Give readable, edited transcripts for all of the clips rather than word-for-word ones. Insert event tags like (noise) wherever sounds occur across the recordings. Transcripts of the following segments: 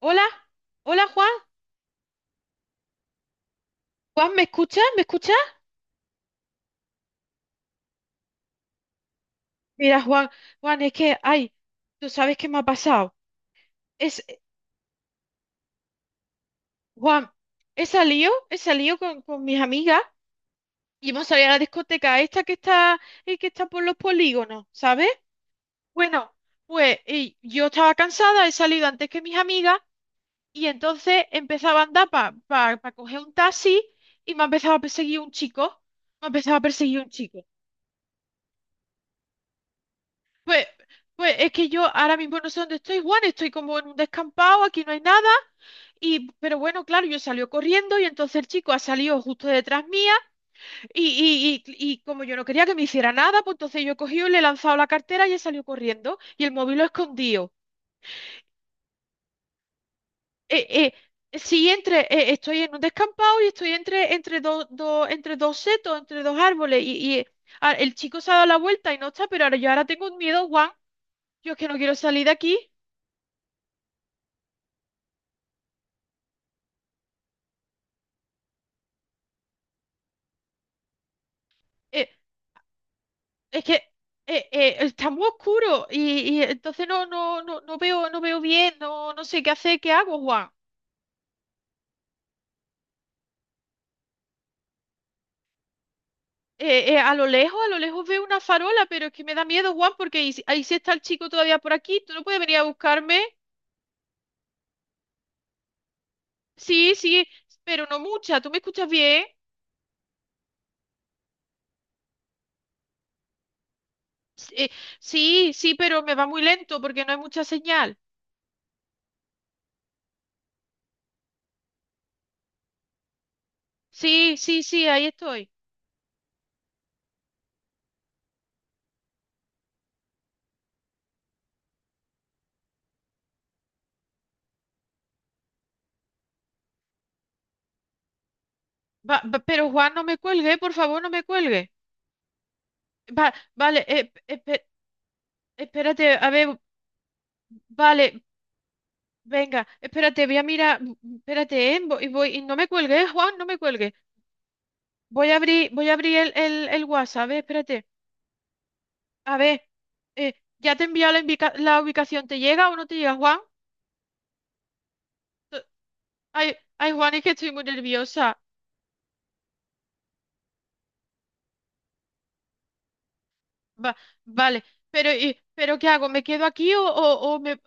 Hola, hola Juan, Juan, ¿me escuchas? ¿Me escuchas? Mira, Juan, Juan, es que, ay, tú sabes qué me ha pasado. Es, eh, Juan, he salido con mis amigas y hemos salido a la discoteca esta que está por los polígonos, ¿sabes? Bueno, pues y yo estaba cansada, he salido antes que mis amigas y entonces empezaba a andar para coger un taxi y me ha empezado a perseguir un chico, me ha empezado a perseguir un chico. Pues, pues es que yo ahora mismo no sé dónde estoy, Juan, estoy como en un descampado, aquí no hay nada, y pero bueno, claro, yo salió corriendo y entonces el chico ha salido justo detrás mía y como yo no quería que me hiciera nada, pues entonces yo he cogido y le he lanzado la cartera y he salido corriendo y el móvil lo he escondido. Eh, sí, estoy en un descampado y estoy entre entre dos setos, entre dos árboles y el chico se ha dado la vuelta y no está, pero ahora yo ahora tengo un miedo, Juan, yo es que no quiero salir de aquí. Eh, Es que está muy oscuro y entonces no veo, no veo bien, no, no sé qué hacer, qué hago, Juan. A lo lejos veo una farola, pero es que me da miedo, Juan, porque y si- ahí sí está el chico todavía por aquí. ¿Tú no puedes venir a buscarme? Sí, sí, pero no mucha. ¿Tú me escuchas bien? S- eh, sí, sí, pero me va muy lento porque no hay mucha señal. Sí, sí, sí, ahí estoy. Pero Juan, no me cuelgue, por favor, no me cuelgue. Vale, espérate, a ver. Vale, venga, espérate, voy a mirar, espérate, y no me cuelgue, Juan, no me cuelgue. Voy a abrir el WhatsApp, espérate. A ver, eh, ya te he enviado la ubicación, ¿te llega o no te llega, Juan? Eh, Ay, ay, Juan, es que estoy muy nerviosa. Va- vale, pero ¿qué hago? ¿Me quedo aquí o me...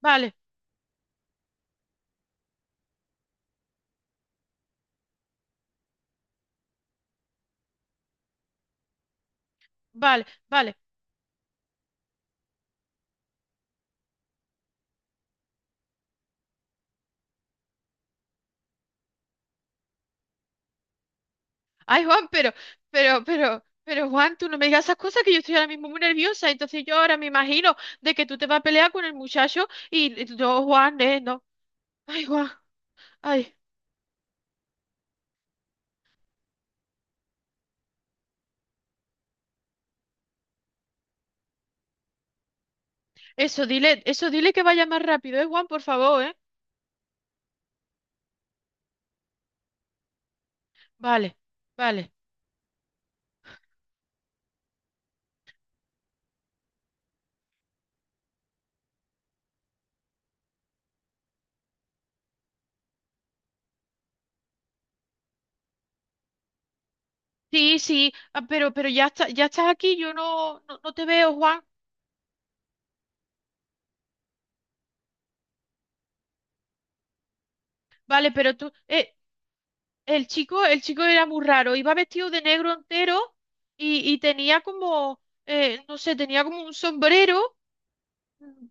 Vale, vale, vale. Ay, Juan, pero, Juan, tú no me digas esas cosas que yo estoy ahora mismo muy nerviosa. Entonces yo ahora me imagino de que tú te vas a pelear con el muchacho y no, Juan, no. Ay, Juan, ay. Eso dile que vaya más rápido, Juan, por favor, eh. Vale, vale. Sí, sí, ah, pero ya está, ya estás aquí, yo no te veo, Juan. Vale, pero tú, el chico era muy raro, iba vestido de negro entero y tenía como, no sé, tenía como un sombrero.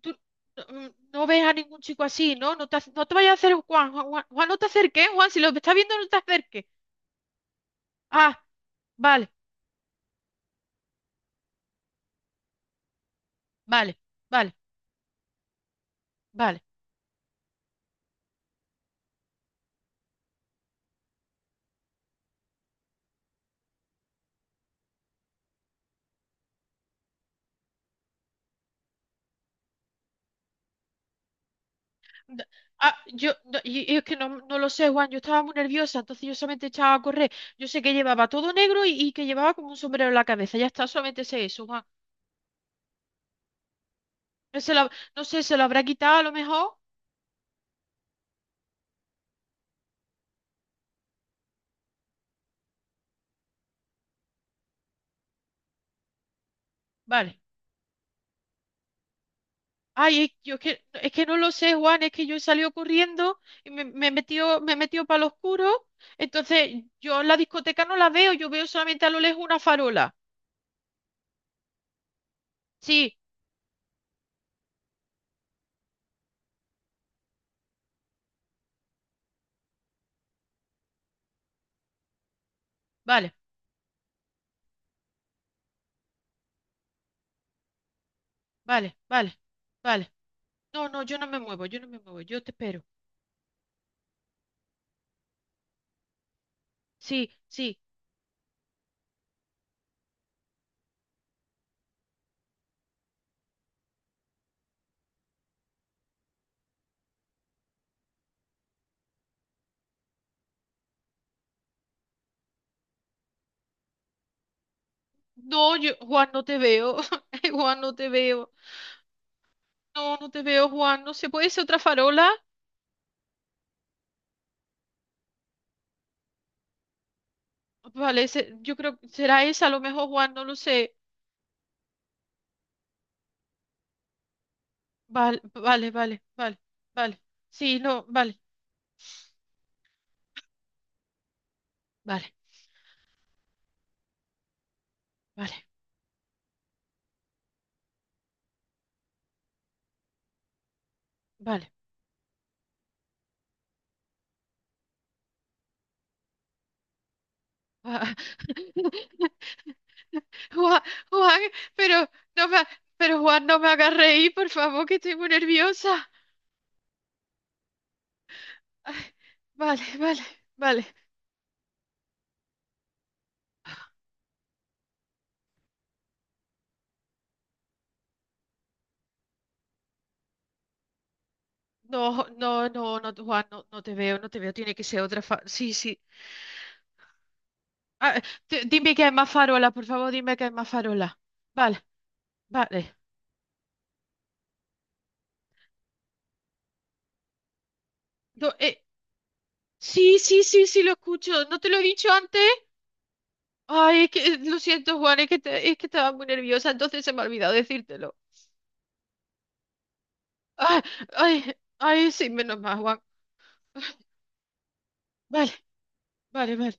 Tú no, no ves a ningún chico así, ¿no? No te vayas a hacer Juan, Juan, Juan, Juan, no te acerques, ¿eh, Juan, si lo estás viendo, no te acerques. Ah, vale, vale, vale, vale. D- Ah, yo, no, y es que no, no lo sé, Juan, yo estaba muy nerviosa, entonces yo solamente echaba a correr. Yo sé que llevaba todo negro y que llevaba como un sombrero en la cabeza, ya está, solamente sé eso, Juan. No, se lo- no sé, se lo habrá quitado a lo mejor. Vale. Ay, es, yo es que no lo sé, Juan, es que yo he salido corriendo y me, me he metido para lo oscuro. Entonces, yo en la discoteca no la veo, yo veo solamente a lo lejos una farola. Sí, vale, vale, vale, vale. No, no, yo no me muevo, yo no me muevo, yo te espero. Sí, sí. No, yo, Juan, no te veo. (laughs) Ay, Juan, no te veo. No, no te veo, Juan. No sé, ¿puede ser otra farola? Yo creo que será esa, a lo mejor, Juan, no lo sé. Vale, vale, vale, vale, vale. Sí, no, vale. Vale. Vale, vale. Ah, (laughs) Juan, Juan, pero no me, ha- pero Juan, no me hagas reír, por favor, que estoy muy nerviosa. Ay, vale, vale, vale. No, no, no, no, Juan, no, no te veo, no te veo. Tiene que ser otra fa- Sí, sí. Ah, dime que hay más farola, por favor, dime que hay más farola. Vale, vale. No, sí, sí, sí, sí, lo escucho. ¿No te lo he dicho antes? Ay, es que, lo siento, Juan, es que estaba muy nerviosa, entonces se me ha olvidado decírtelo. Ay, ay, ay, sí, menos mal, Juan. Vale, vale, vale.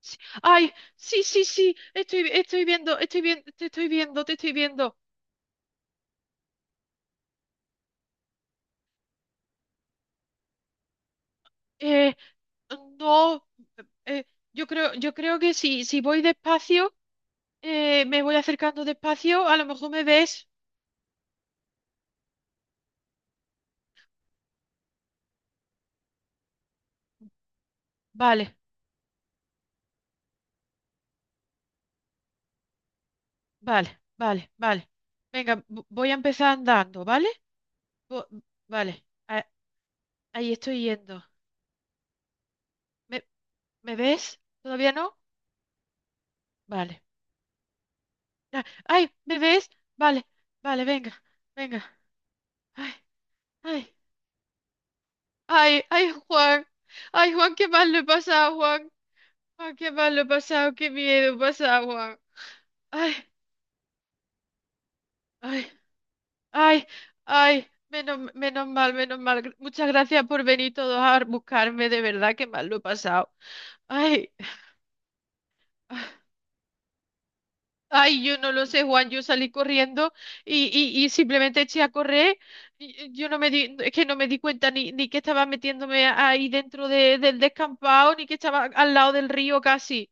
Sí. Ay, sí, sí, sí, estoy, estoy viendo, te estoy viendo, te estoy viendo. Eh, no, eh, yo creo que si, si voy despacio, me voy acercando despacio, a lo mejor me ves. Vale, vale, vale, vale. Venga, voy a empezar andando, ¿vale? Vo- vale, ahí estoy yendo. ¿Me, me ves? ¿Todavía no? Vale. Ah, ay, ¿bebés? Vale, vale, venga, venga. Ay, ay, ay, ay, Juan. Ay, Juan, qué mal lo he pasado, Juan. Ay, qué mal lo he pasado, qué miedo he pasado, Juan. Ay, ay, ay, ay. Menos, menos mal, menos mal. Muchas gracias por venir todos a buscarme, de verdad, qué mal lo he pasado. Ay. Ay, yo no lo sé, Juan, yo salí corriendo y simplemente eché a correr. Y yo no me di, es que no me di cuenta ni, ni que estaba metiéndome ahí dentro del descampado, ni que estaba al lado del río casi.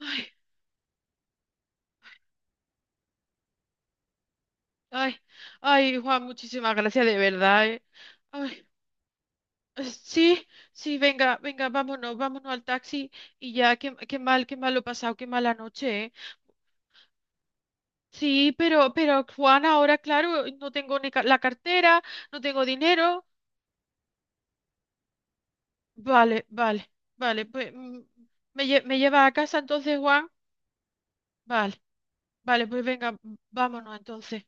Ay, ay, ay, Juan, muchísimas gracias de verdad, eh. Ay, sí, sí, venga, venga, vámonos, vámonos al taxi y ya, qué, qué mal lo he pasado, qué mala noche, eh. Sí, pero Juan, ahora claro, no tengo ni ca- la cartera, no tengo dinero. Vale, vale, vale, pues me lleva a casa entonces, Juan. Vale, vale, pues venga, vámonos entonces.